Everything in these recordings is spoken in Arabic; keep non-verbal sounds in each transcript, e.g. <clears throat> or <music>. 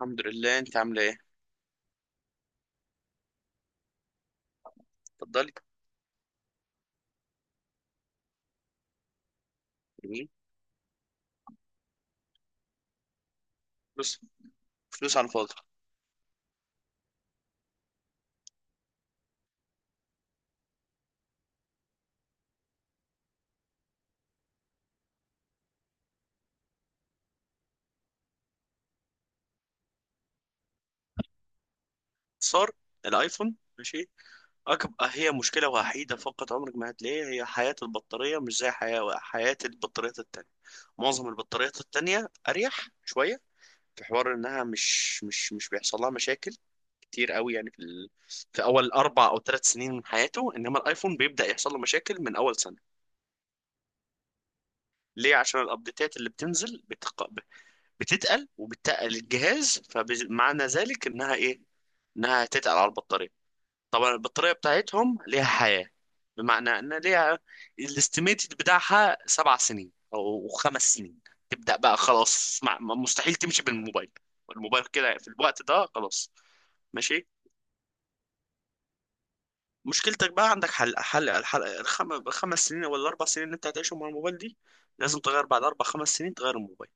الحمد لله، انت عامله ايه؟ اتفضلي. جميل. فلوس. فلوس على الفاضي. صار. الايفون ماشي. اكبر هي مشكله وحيده، فقط عمرك ما هتلاقيها، هي حياه البطاريه مش زي حياه البطاريات التانية. معظم البطاريات التانية اريح شويه. في حوار انها مش بيحصل لها مشاكل كتير قوي يعني في اول 4 أو 3 سنين من حياته، انما الايفون بيبدا يحصل له مشاكل من اول سنه. ليه؟ عشان الابديتات اللي بتنزل بتتقل، وبتتقل الجهاز، فمعنى ذلك انها ايه؟ انها هتتقل على البطاريه. طبعا البطاريه بتاعتهم ليها حياه، بمعنى ان ليها الاستيميتد بتاعها 7 سنين أو 5 سنين. تبدا بقى خلاص، مستحيل تمشي بالموبايل، الموبايل كده في الوقت ده خلاص. ماشي. مشكلتك بقى عندك حل حل الحل، الخمس سنين ولا الاربع سنين اللي انت هتعيشهم مع الموبايل دي. لازم تغير بعد 4 5 سنين، تغير الموبايل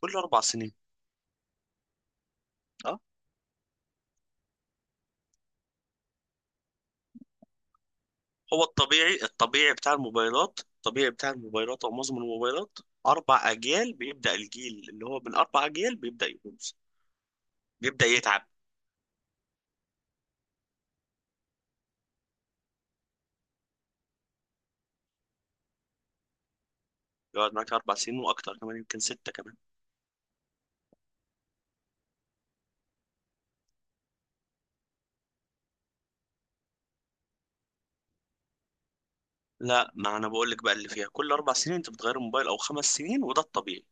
كل 4 سنين. اه. هو الطبيعي بتاع الموبايلات او معظم الموبايلات، اربع اجيال بيبدا، الجيل اللي هو من 4 اجيال بيبدا يبوظ، بيبدا يتعب. يقعد معاك 4 سنين واكتر، كمان يمكن سته كمان. لا، ما انا بقول لك بقى اللي فيها كل 4 سنين انت بتغير الموبايل او 5 سنين، وده الطبيعي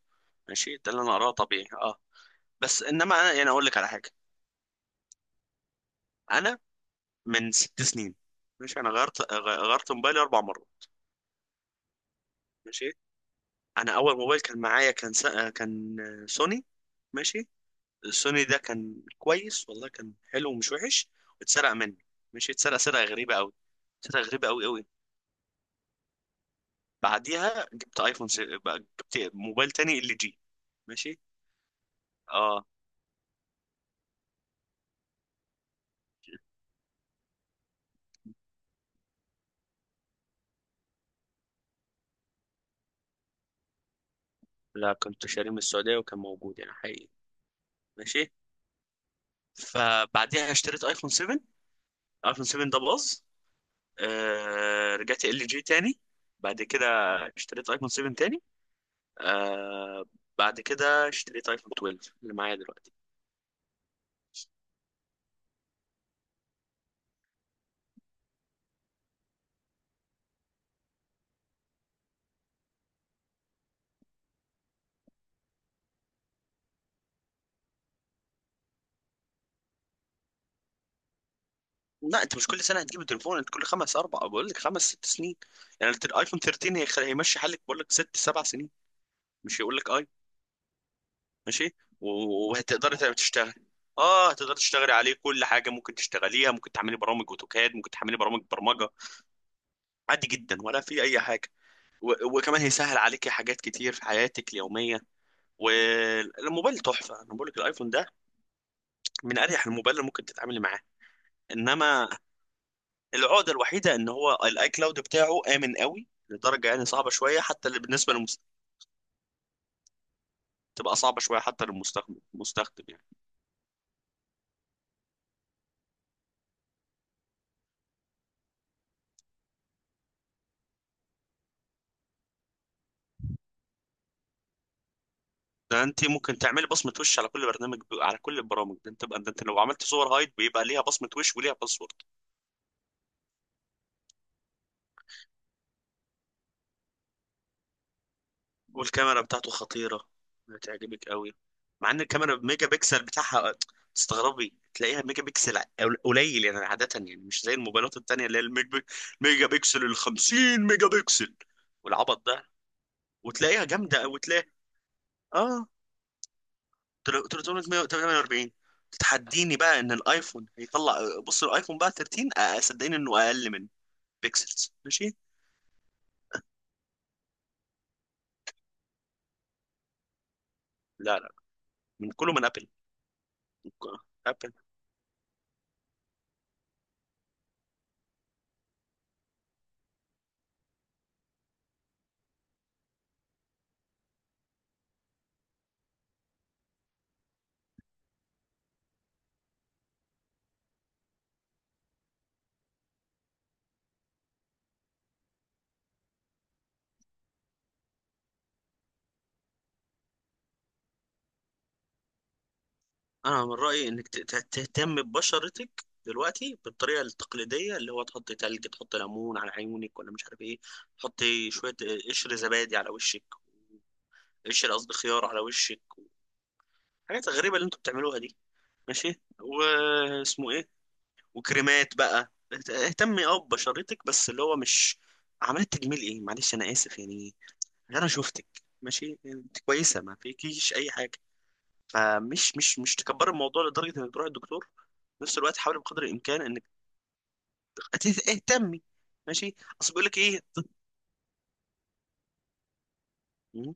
ماشي، ده اللي انا اقراه طبيعي، اه. بس انما انا يعني اقول لك على حاجه. انا من 6 سنين ماشي، انا غيرت موبايلي 4 مرات. ماشي. انا اول موبايل كان معايا، كان سوني. ماشي. السوني ده كان كويس والله، كان حلو ومش وحش، واتسرق مني. ماشي، اتسرق سرقة غريبة قوي، سرقة غريبة قوي قوي. بعديها جبت ايفون س... بقى جبت موبايل تاني، ال جي. ماشي. اه. لا، كنت شاريه من السعودية وكان موجود يعني، حقيقي. ماشي. فبعديها اشتريت ايفون 7. ايفون 7 ده باظ. رجعت ال جي تاني، بعد كده اشتريت ايفون 7 تاني. آه... بعد كده اشتريت ايفون 12 اللي معايا دلوقتي. لا، انت مش كل سنه هتجيب تليفون، انت كل خمس اربع، بقول لك خمس ست سنين. يعني الايفون 13 هيمشي حالك، بقول لك 6 7 سنين، مش هيقول لك اي. ماشي. وهتقدري تشتغلي. اه، هتقدري تشتغلي عليه كل حاجه، ممكن تشتغليها، ممكن تعملي برامج اوتوكاد، ممكن تعملي برامج برمجه، عادي جدا، ولا في اي حاجه. وكمان هيسهل عليكي حاجات كتير في حياتك اليوميه، والموبايل تحفه. انا بقول لك الايفون ده من اريح الموبايل اللي ممكن تتعاملي معاه. انما العقدة الوحيدة ان هو الاي كلاود بتاعه آمن قوي لدرجة يعني صعبة شوية، حتى اللي تبقى صعبة شوية حتى المستخدم يعني، ده انت ممكن تعملي بصمة وش على كل البرامج. ده انت بقى، ده انت لو عملت صور هايد بيبقى ليها بصمة وش وليها باسورد. والكاميرا بتاعته خطيرة، هتعجبك قوي، مع ان الكاميرا بميجا بكسل بتاعها، تستغربي تلاقيها ميجا بكسل قليل يعني، عادة يعني، مش زي الموبايلات التانية اللي هي الميجا بكسل ال 50 ميجا بكسل والعبط ده، وتلاقيها جامدة، وتلاقيها اه 348، تتحديني بقى ان الايفون هيطلع. بص الايفون بقى 13، صدقني انه اقل من بيكسلز ماشي. لا لا، من كله، من ابل، من ك- ابل. انا من رايي انك تهتم ببشرتك دلوقتي بالطريقه التقليديه، اللي هو تحط تلج، تحط ليمون على عيونك، ولا مش عارف ايه، تحطي شويه قشر زبادي على وشك، قشر قصدي خيار على وشك. حاجات غريبه اللي انتوا بتعملوها دي ماشي، واسمه إيه؟ وكريمات بقى. اهتمي ببشرتك، بس اللي هو مش عملت تجميل ايه، معلش انا اسف يعني، انا شفتك ماشي، يعني انت كويسه، ما فيكيش اي حاجه، فمش مش تكبر الموضوع لدرجه انك تروح الدكتور. في نفس الوقت حاولي بقدر الامكان انك اهتمي. ماشي. اصل بيقول لك ايه؟ مم،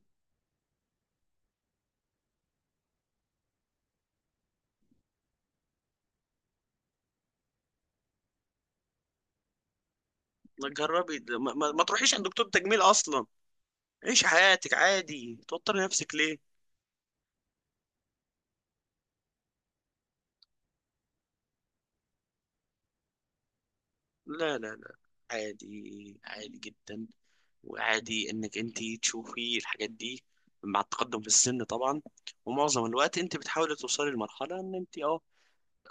ما تجربي ما تروحيش عند دكتور تجميل اصلا، عيشي حياتك عادي، توتري نفسك ليه؟ لا لا لا، عادي، عادي جدا، وعادي انك انت تشوفي الحاجات دي مع التقدم في السن طبعا. ومعظم الوقت انت بتحاولي توصلي لمرحله ان انت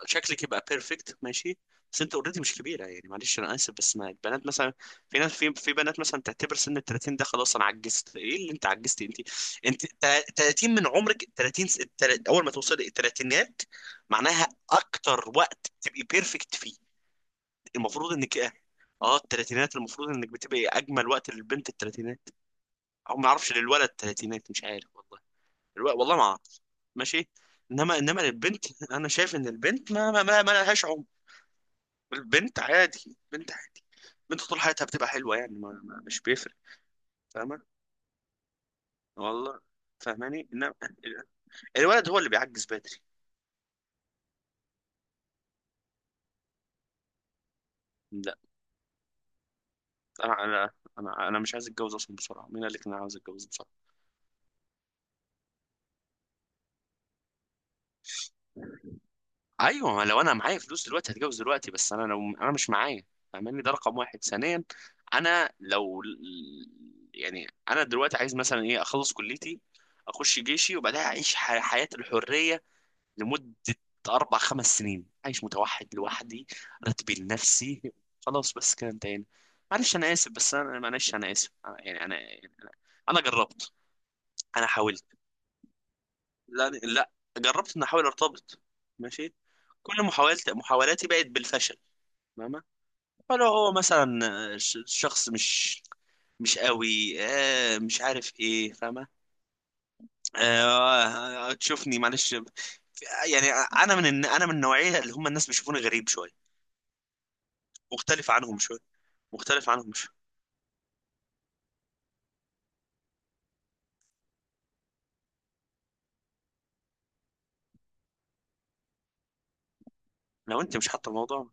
شكلك يبقى بيرفكت ماشي. بس انت اوريدي مش كبيره يعني، معلش انا اسف، بس ما البنات مثلا، في ناس، في بنات مثلا تعتبر سن ال 30 ده خلاص انا عجزت، ايه اللي انت عجزتي انت؟ انت 30 من عمرك، 30 اول ما توصلي الثلاثينات معناها اكتر وقت تبقي بيرفكت فيه. المفروض انك اه الثلاثينات المفروض انك بتبقي اجمل وقت، للبنت الثلاثينات، او ما اعرفش للولد تلاتينات، مش عارف والله، والله ما اعرف. ماشي. انما للبنت انا شايف ان البنت ما لهاش عمر. البنت عادي، البنت عادي، البنت طول حياتها بتبقى حلوه يعني، ما مش بيفرق. فاهمه؟ والله فاهماني، انما الولد هو اللي بيعجز بدري. لا، انا، أنا مش عايز اتجوز اصلا بسرعه، مين قال لك ان انا عاوز اتجوز بسرعه؟ ايوه، ما لو انا معايا فلوس دلوقتي هتجوز دلوقتي، بس انا لو انا مش معايا، فاهماني؟ ده رقم واحد. ثانيا، انا لو، يعني انا دلوقتي عايز مثلا ايه، اخلص كليتي، اخش جيشي، وبعدها اعيش حياة الحرية لمدة 4 5 سنين، عايش متوحد لوحدي، راتبي لنفسي، خلاص بس كده انتهينا. معلش انا اسف، بس انا معلش انا اسف، أنا- يعني انا يعني انا أنا جربت. انا حاولت. لا لا، جربت ان احاول ارتبط. ماشي. كل محاولاتي بقت بالفشل، فاهمة؟ فلو هو مثلا شخص مش قوي، مش عارف ايه، فاهمة؟ تشوفني، معلش يعني، انا من النوعية اللي هم الناس بيشوفوني غريب شوية، مختلف عنهم شوية. مختلف عنهم شوية. لو انت مش حاطه الموضوع،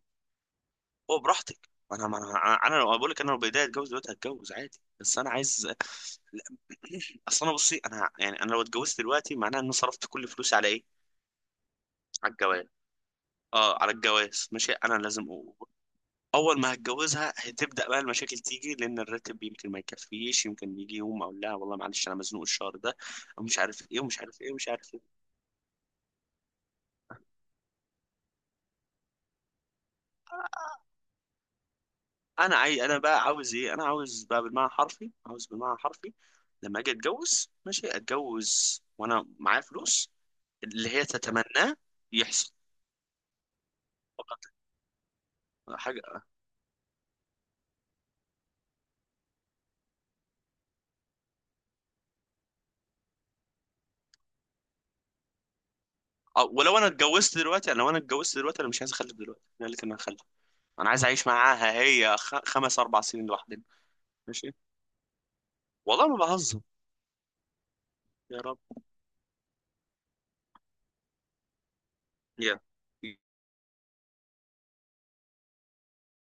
هو براحتك، ما انا ما انا انا لو بقول لك، انا لو بايديا اتجوز دلوقتي هتجوز عادي، بس انا عايز، لا، <clears throat> اصل انا، بصي، انا لو اتجوزت دلوقتي معناها اني صرفت كل فلوسي على ايه؟ على الجواز. اه، على الجواز، ماشي. انا لازم اول ما هتجوزها هتبدا بقى المشاكل تيجي، لان الراتب يمكن ما يكفيش، يمكن يجي يوم اقول لها والله معلش انا مزنوق الشهر ده، او مش عارف ايه، ومش عارف ايه، ومش عارف ايه. آه، انا، بقى عاوز ايه؟ انا عاوز بقى بالمعنى الحرفي، عاوز بالمعنى الحرفي لما اجي اتجوز، ماشي، اتجوز وانا معايا فلوس، اللي هي تتمناه يحصل، فقط حاجه. أو، ولو انا اتجوزت دلوقتي، انا لو انا اتجوزت دلوقتي انا مش عايز اخلف دلوقتي، انا قلت انا هخلف. انا عايز اعيش معاها هي خمس اربع سنين لوحدنا. ماشي، والله ما بهزر. يا رب. يا